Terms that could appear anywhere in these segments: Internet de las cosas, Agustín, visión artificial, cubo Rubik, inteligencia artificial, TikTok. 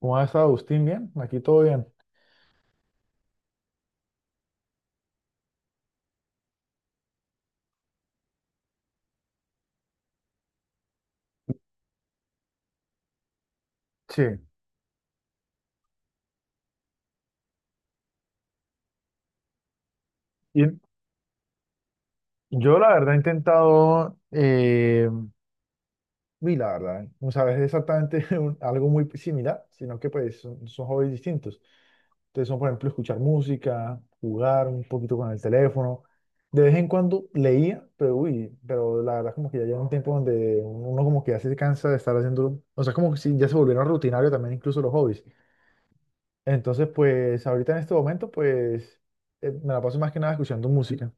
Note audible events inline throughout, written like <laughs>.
¿Cómo ha estado Agustín? ¿Bien? Aquí todo bien. Sí, y yo la verdad he intentado, y la verdad, no sabes exactamente <laughs> algo muy similar, sino que pues son hobbies distintos. Entonces son, por ejemplo, escuchar música, jugar un poquito con el teléfono. De vez en cuando leía, pero uy, pero la verdad como que ya llega un tiempo donde uno como que ya se cansa de estar haciendo, o sea, como que sí, ya se volvieron rutinarios también incluso los hobbies. Entonces, pues ahorita en este momento, me la paso más que nada escuchando música.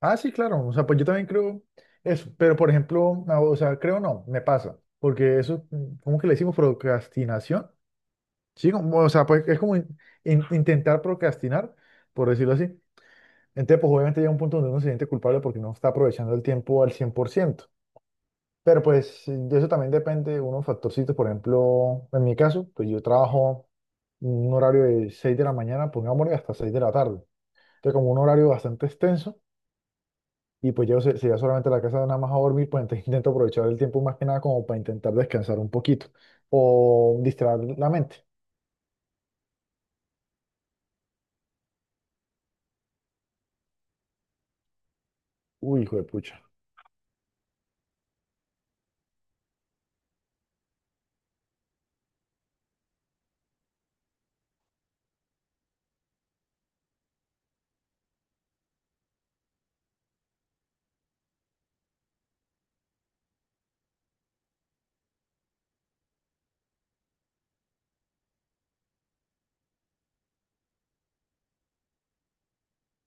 Ah, sí, claro. O sea, pues yo también creo eso. Pero, por ejemplo, no, o sea, creo no, me pasa. Porque eso, ¿cómo que le decimos procrastinación? Sí, como, o sea, pues es como intentar procrastinar, por decirlo así. Entonces, pues obviamente llega un punto donde uno se siente culpable porque no está aprovechando el tiempo al cien por ciento. Pero pues de eso también depende de unos factorcitos. Por ejemplo, en mi caso, pues yo trabajo un horario de 6 de la mañana, pongámosle, hasta 6 de la tarde. Entonces, como un horario bastante extenso. Y pues yo, si ya solamente a la casa nada más a dormir, pues entonces <laughs> intento aprovechar el tiempo más que nada como para intentar descansar un poquito o distraer la mente. Uy, hijo de pucha.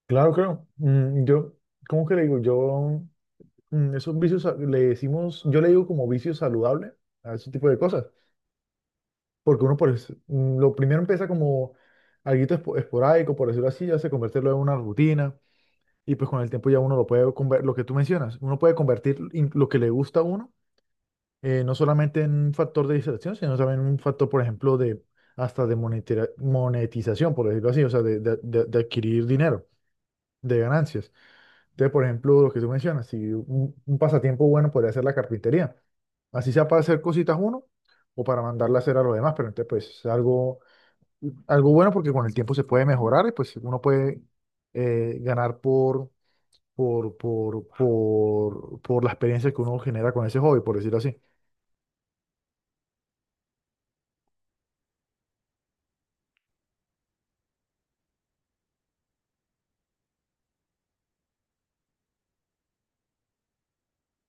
Claro, claro. Yo, ¿cómo que le digo? Yo, esos le decimos, yo le digo como vicio saludable a ese tipo de cosas. Porque uno, lo primero empieza como algo esporádico, por decirlo así, ya se convierte luego en una rutina. Y pues con el tiempo ya uno lo puede convertir, lo que tú mencionas, uno puede lo que le gusta a uno no solamente en un factor de distracción, sino también en un factor, por ejemplo, de hasta de monetización, por decirlo así, o sea, de adquirir dinero, de ganancias. Entonces, por ejemplo, lo que tú mencionas, si un, un pasatiempo bueno podría ser la carpintería, así sea para hacer cositas uno o para mandarla a hacer a los demás, pero entonces, pues, es algo, algo bueno porque con el tiempo se puede mejorar y pues uno puede ganar por la experiencia que uno genera con ese hobby, por decirlo así.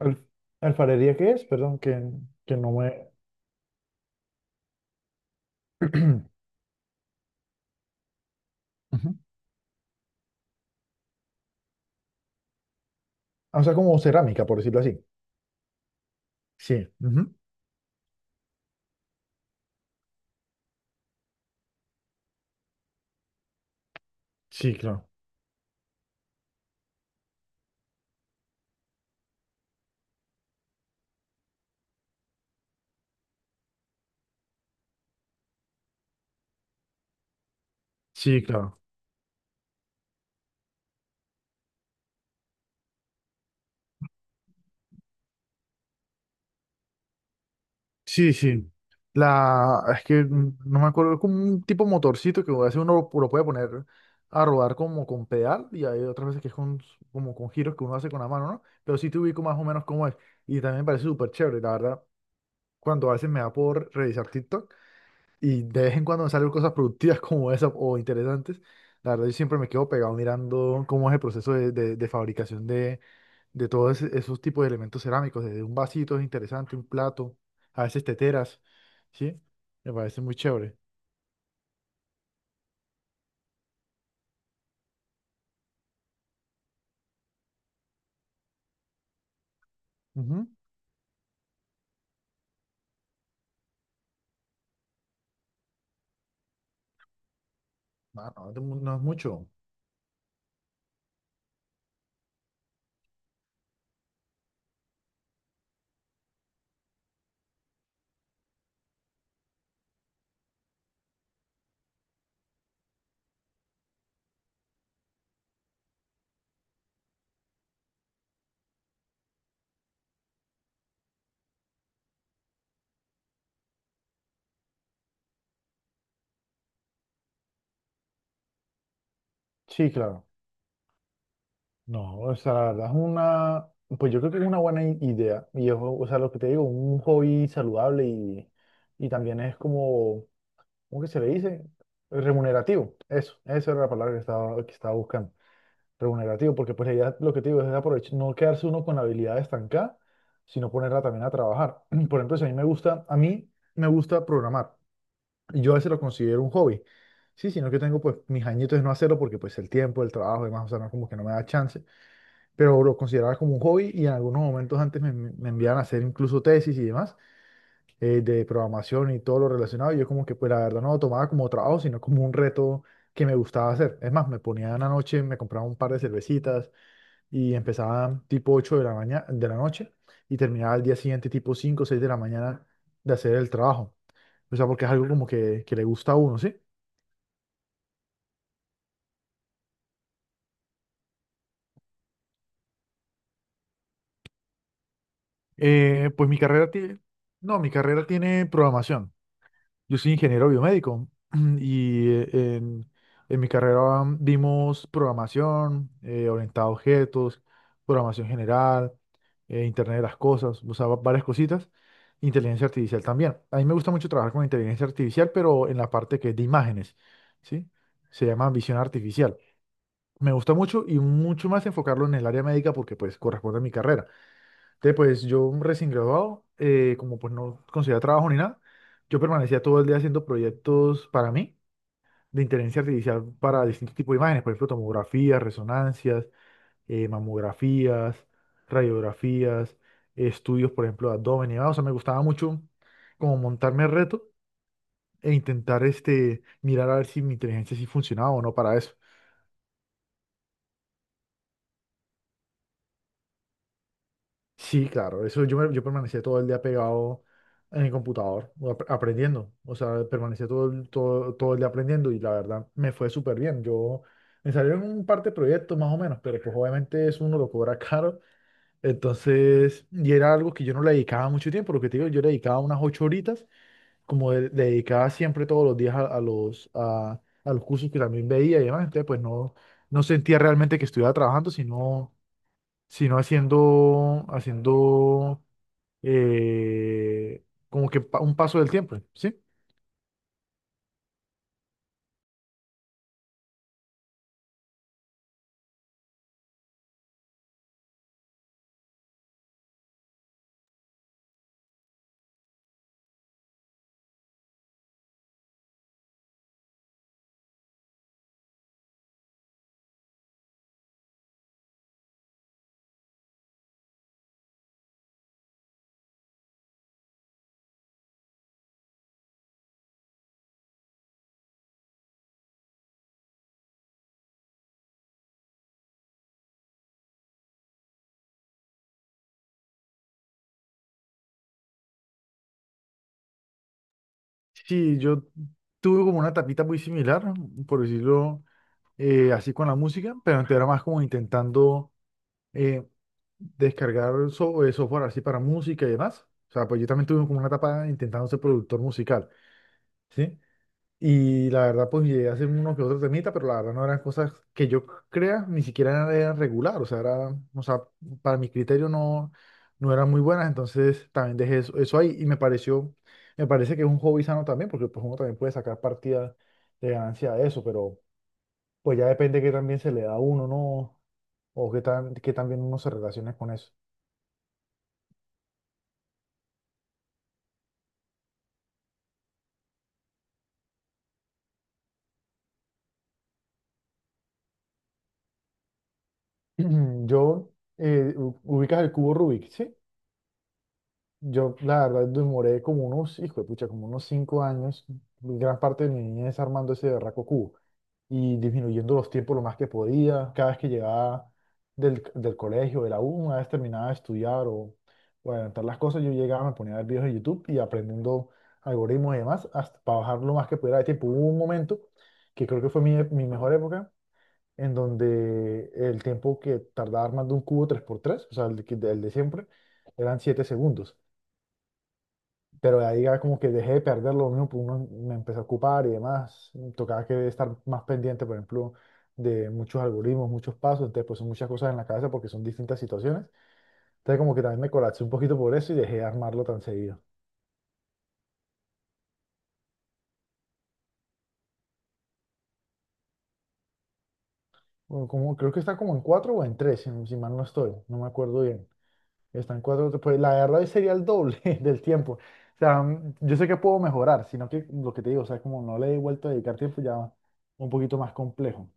Al- ¿Alfarería qué es? Perdón, que no me... <clears throat> Ujú. O sea, como cerámica, por decirlo así. Sí, ujú. Sí, claro. Sí, claro. Sí, sí. La... Es que no me acuerdo, es como un tipo motorcito que a veces uno lo puede poner a rodar como con pedal y hay otras veces que es con, como con giros que uno hace con la mano, ¿no? Pero sí te ubico más o menos cómo es. Y también me parece súper chévere, la verdad. Cuando a veces me da por revisar TikTok. Y de vez en cuando me salen cosas productivas <laughs> como esas o interesantes. La verdad, yo siempre me quedo pegado mirando cómo es el proceso de fabricación de esos tipos de elementos cerámicos. Desde un vasito es interesante, un plato, a veces teteras, ¿sí? Me parece muy chévere. Ujú. Ah, no, no, no es mucho. Sí, claro. No, o sea, la verdad es una, pues yo creo que es una buena idea. Y es, o sea, lo que te digo, un hobby saludable y también es como ¿cómo que se le dice? Remunerativo. Eso, esa era la palabra que estaba buscando. Remunerativo, porque pues la idea, lo que te digo, es aprovechar, no quedarse uno con la habilidad estancada, sino ponerla también a trabajar. <clears throat> Por ejemplo, si a mí me gusta, a mí me gusta programar. Y yo a veces lo considero un hobby. Sí, sino que tengo pues mis añitos de no hacerlo porque pues el tiempo, el trabajo y demás, o sea, no, como que no me da chance. Pero lo consideraba como un hobby y en algunos momentos antes me enviaban a hacer incluso tesis y demás de programación y todo lo relacionado. Y yo como que, pues la verdad no lo tomaba como trabajo, sino como un reto que me gustaba hacer. Es más, me ponía en la noche, me compraba un par de cervecitas y empezaba tipo 8 de la mañana, de la noche y terminaba al día siguiente tipo 5 o 6 de la mañana de hacer el trabajo. O sea, porque es algo como que le gusta a uno, ¿sí? Pues mi carrera tiene, no, mi carrera tiene programación. Yo soy ingeniero biomédico <clears throat> y eh, en, en mi carrera vimos programación, orientado a objetos, programación general, Internet de las cosas, o sea, varias cositas, inteligencia artificial también. A mí me gusta mucho trabajar con inteligencia artificial, pero en la parte que es de imágenes, ¿sí? Se llama visión artificial. Me gusta mucho y mucho más enfocarlo en el área médica porque pues corresponde a mi carrera. Entonces, pues yo recién graduado, como pues no conseguía trabajo ni nada, yo permanecía todo el día haciendo proyectos para mí de inteligencia artificial para distintos tipos de imágenes, por ejemplo, tomografías, resonancias, mamografías, radiografías, estudios, por ejemplo, de abdomen y demás. O sea, me gustaba mucho como montarme el reto e intentar este, mirar a ver si mi inteligencia sí funcionaba o no para eso. Sí, claro, eso yo, yo permanecía todo el día pegado en el computador, o aprendiendo, o sea, permanecía todo, todo el día aprendiendo y la verdad me fue súper bien. Yo me salieron un par de proyectos más o menos, pero pues obviamente eso uno lo cobra <laughs> caro, entonces, y era algo que yo no le dedicaba mucho tiempo, lo que te digo, yo le dedicaba unas ocho horitas, como le dedicaba siempre todos los días a los cursos que también veía y demás, entonces pues no, no sentía realmente que estuviera trabajando, sino haciendo, haciendo eh, como que un paso del tiempo, ¿sí? Sí, yo tuve como una etapita muy similar, por decirlo así con la música, pero antes era más como intentando eh, software así para música y demás. O sea, pues yo también tuve como una etapa intentando ser productor musical, ¿sí? Y la verdad, pues llegué a hacer uno que otro temita, pero la verdad no eran cosas que yo crea, ni siquiera eran regular, o sea, era, o sea, para mi criterio no, no eran muy buenas, entonces también dejé eso, eso ahí y me pareció, me parece que es un hobby sano también, porque pues uno también puede sacar partida de ganancia de eso, pero pues ya depende que también se le da a uno, ¿no? O qué tan bien uno se relacione con eso. <clears throat> Yo, ubicas el cubo Rubik, ¿sí? Yo, la verdad, demoré como unos, hijo de pucha, como unos 5 años, gran parte de mi niñez armando ese berraco cubo y disminuyendo los tiempos lo más que podía. Cada vez que llegaba del colegio, de la U, una vez terminaba de estudiar o adelantar las cosas, yo llegaba, me ponía a ver videos de YouTube y aprendiendo algoritmos y demás, hasta para bajar lo más que pudiera de tiempo. Hubo un momento que creo que fue mi mejor época, en donde el tiempo que tardaba armando un cubo tres por tres, o sea, el de siempre, eran 7 segundos, pero ahí ya como que dejé de perderlo, uno me empezó a ocupar y demás, tocaba que estar más pendiente, por ejemplo, de muchos algoritmos, muchos pasos, entonces pues son muchas cosas en la cabeza porque son distintas situaciones, entonces como que también me colapsé un poquito por eso y dejé de armarlo tan seguido. Bueno, como, creo que está como en cuatro o en tres, si mal no estoy, no me acuerdo bien. Está en cuatro, pues la verdad hoy sería el doble <laughs> del tiempo. O sea, yo sé que puedo mejorar, sino que lo que te digo, o sea, como no le he vuelto a dedicar tiempo ya un poquito más complejo.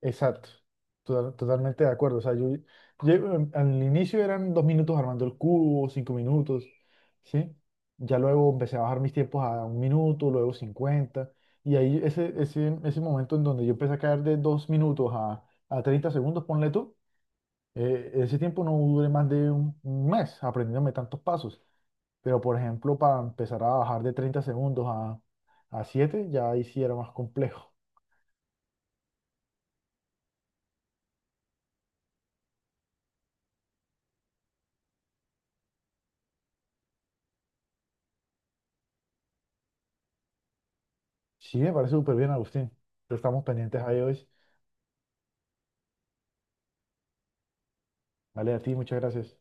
Exacto. Totalmente de acuerdo. O sea, al inicio eran 2 minutos armando el cubo, 5 minutos, ¿sí? Ya luego empecé a bajar mis tiempos a 1 minuto, luego 50. Y ahí ese momento en donde yo empecé a caer de 2 minutos a 30 segundos, ponle tú, ese tiempo no duré más de un mes aprendiéndome tantos pasos. Pero, por ejemplo, para empezar a bajar de 30 segundos a 7, ya ahí sí era más complejo. Sí, me parece súper bien, Agustín. Estamos pendientes ahí hoy. Vale, a ti, muchas gracias.